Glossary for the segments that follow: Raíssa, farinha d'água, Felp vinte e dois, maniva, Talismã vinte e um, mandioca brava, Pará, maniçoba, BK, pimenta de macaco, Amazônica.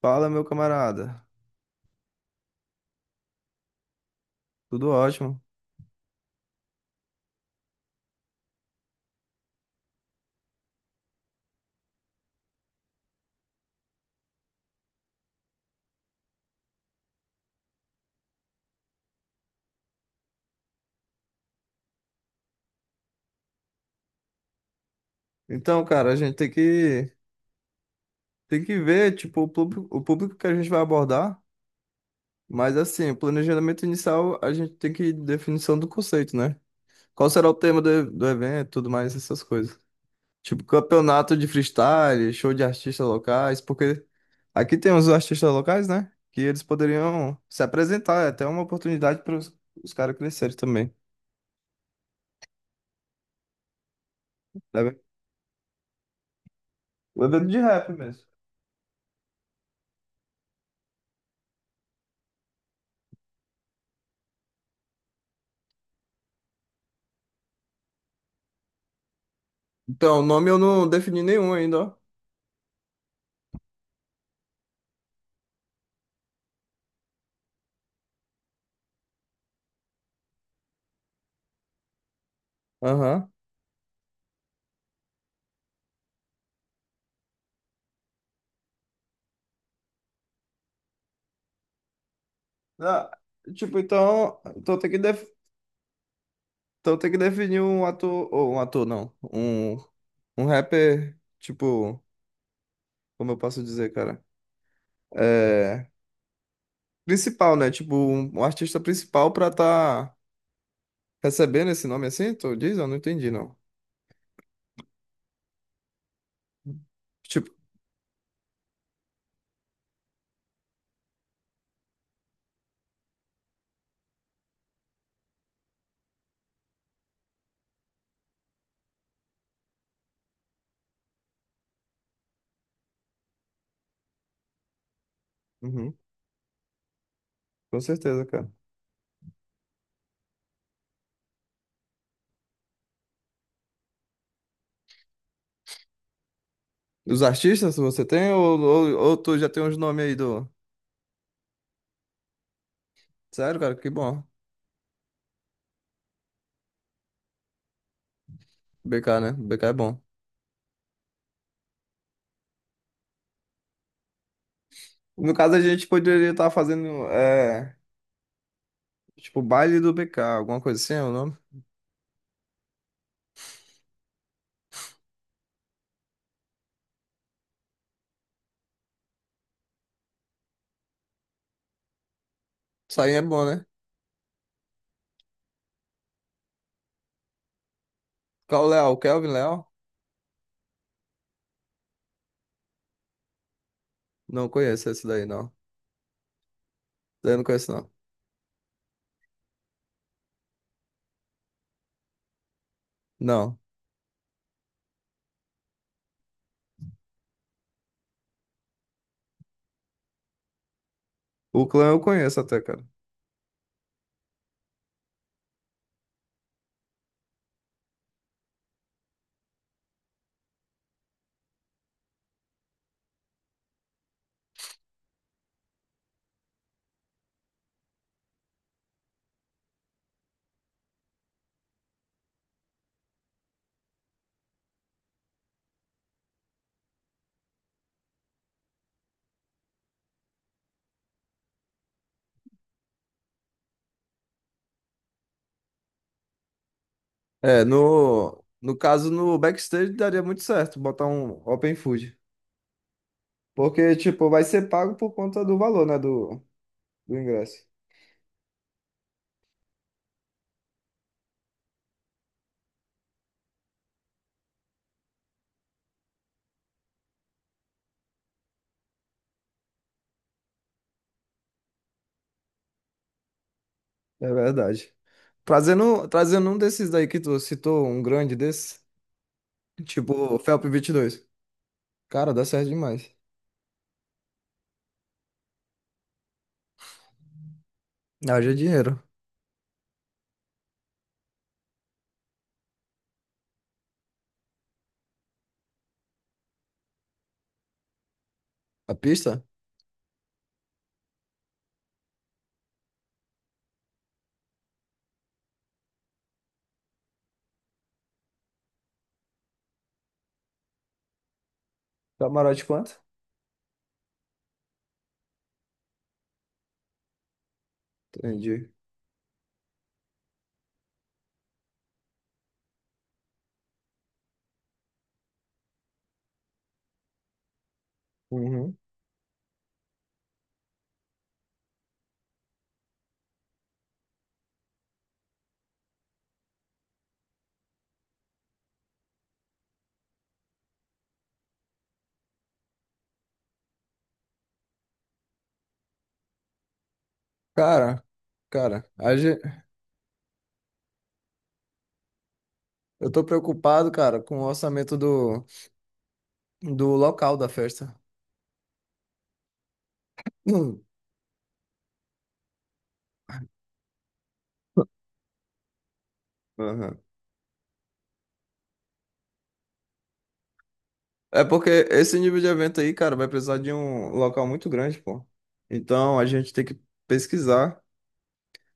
Fala, meu camarada. Tudo ótimo. Então, cara, a gente tem que ver, tipo, o público que a gente vai abordar, mas assim, o planejamento inicial, a gente tem que definição do conceito, né? Qual será o tema do evento, tudo mais essas coisas. Tipo, campeonato de freestyle, show de artistas locais, porque aqui tem os artistas locais, né? Que eles poderiam se apresentar, é até uma oportunidade para os caras crescerem também, né? O evento de rap mesmo. Então, o nome eu não defini nenhum ainda, ó. Aham. Ah, tipo, então tem que definir um ator, ou um ator não, um rapper, tipo, como eu posso dizer, cara? É, principal, né? Tipo, um artista principal pra tá recebendo esse nome assim, tu diz? Eu não entendi, não. Tipo, uhum, com certeza, cara. Os artistas você tem ou tu já tem uns nomes aí do... Sério, cara, que bom. BK, né? BK é bom. No caso, a gente poderia estar fazendo, é, tipo, baile do BK, alguma coisa assim, é o nome? Isso aí é bom, né? Qual o Léo? Kelvin Léo? Não conheço esse daí, não. Daí eu não conheço, não. Não. O clã eu conheço até, cara. É, no caso, no backstage daria muito certo botar um open food. Porque, tipo, vai ser pago por conta do valor, né, do ingresso. É verdade. Trazendo um desses daí que tu citou, um grande desse, tipo, Felp 22. Cara, dá certo demais. Haja dinheiro. A pista? Camarote quanto? Entendi. Uhum. Cara, cara, a ge- eu tô preocupado, cara, com o orçamento do local da festa. Hum. Aham. É porque esse nível de evento aí, cara, vai precisar de um local muito grande, pô. Então a gente tem que pesquisar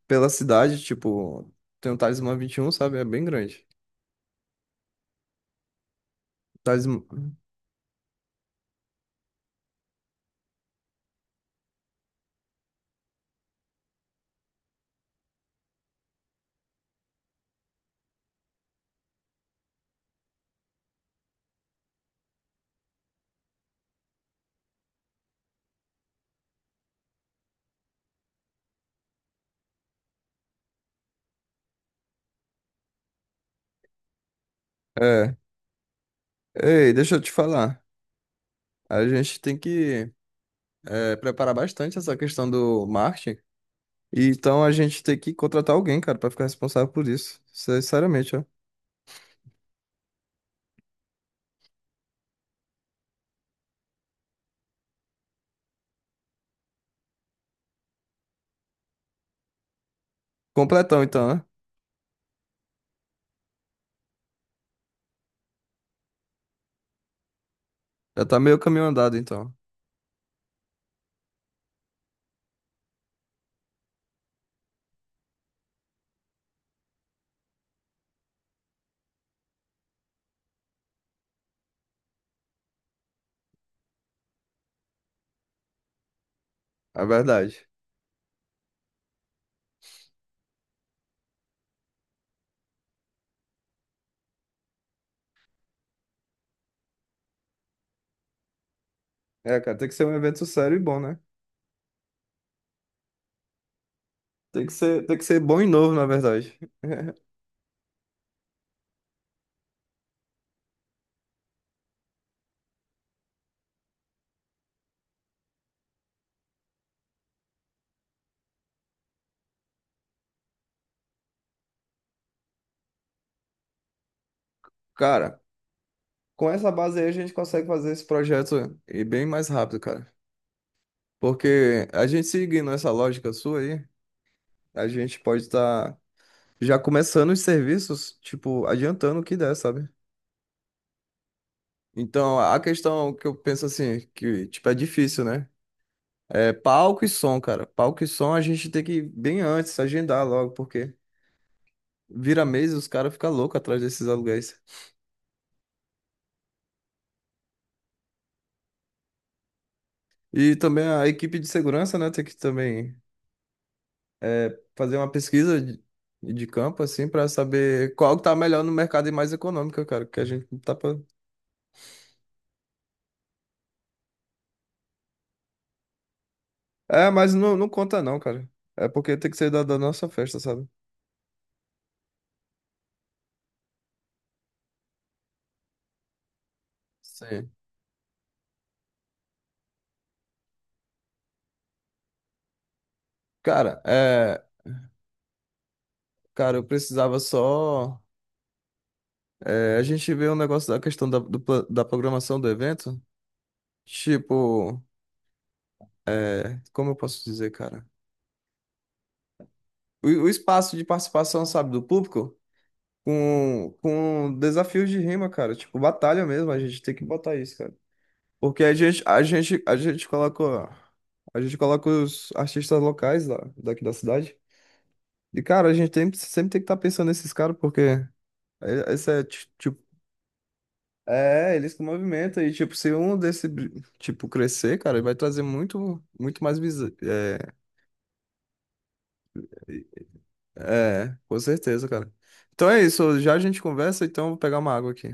pela cidade, tipo, tem o Talismã vinte e um, sabe? É bem grande. Talismã. É. Ei, deixa eu te falar. A gente tem que é, preparar bastante essa questão do marketing. E então a gente tem que contratar alguém, cara, pra ficar responsável por isso. Sinceramente, ó. Completão, então, né? Já tá meio caminho andado, então. É verdade. É, cara, tem que ser um evento sério e bom, né? Tem que ser bom e novo, na verdade. Cara, com essa base aí a gente consegue fazer esse projeto e bem mais rápido, cara. Porque a gente seguindo essa lógica sua aí, a gente pode estar já começando os serviços, tipo, adiantando o que der, sabe? Então, a questão que eu penso assim, que, tipo, é difícil, né? É palco e som, cara. Palco e som a gente tem que ir bem antes, agendar logo, porque vira mês e os caras ficam loucos atrás desses aluguéis. E também a equipe de segurança, né, tem que também é, fazer uma pesquisa de campo, assim, pra saber qual que tá melhor no mercado e mais econômica, cara, que a gente tá pra... É, mas não conta não, cara. É porque tem que ser da nossa festa, sabe? Sim. Cara, é... Cara, eu precisava só... é, a gente vê um negócio da questão da da programação do evento. Tipo, é, como eu posso dizer, cara? O espaço de participação, sabe, do público com desafios de rima, cara. Tipo, batalha mesmo, a gente tem que botar isso, cara. Porque a gente coloca os artistas locais lá, daqui da cidade. E, cara, a gente tem, sempre tem que estar pensando nesses caras, porque é- esse é, ti- tipo, é, eles que movimentam. E, tipo, se um desse, tipo, crescer, cara, ele vai trazer muito, muito mais. É, com certeza, cara. Então é isso. Já a gente conversa, então eu vou pegar uma água aqui.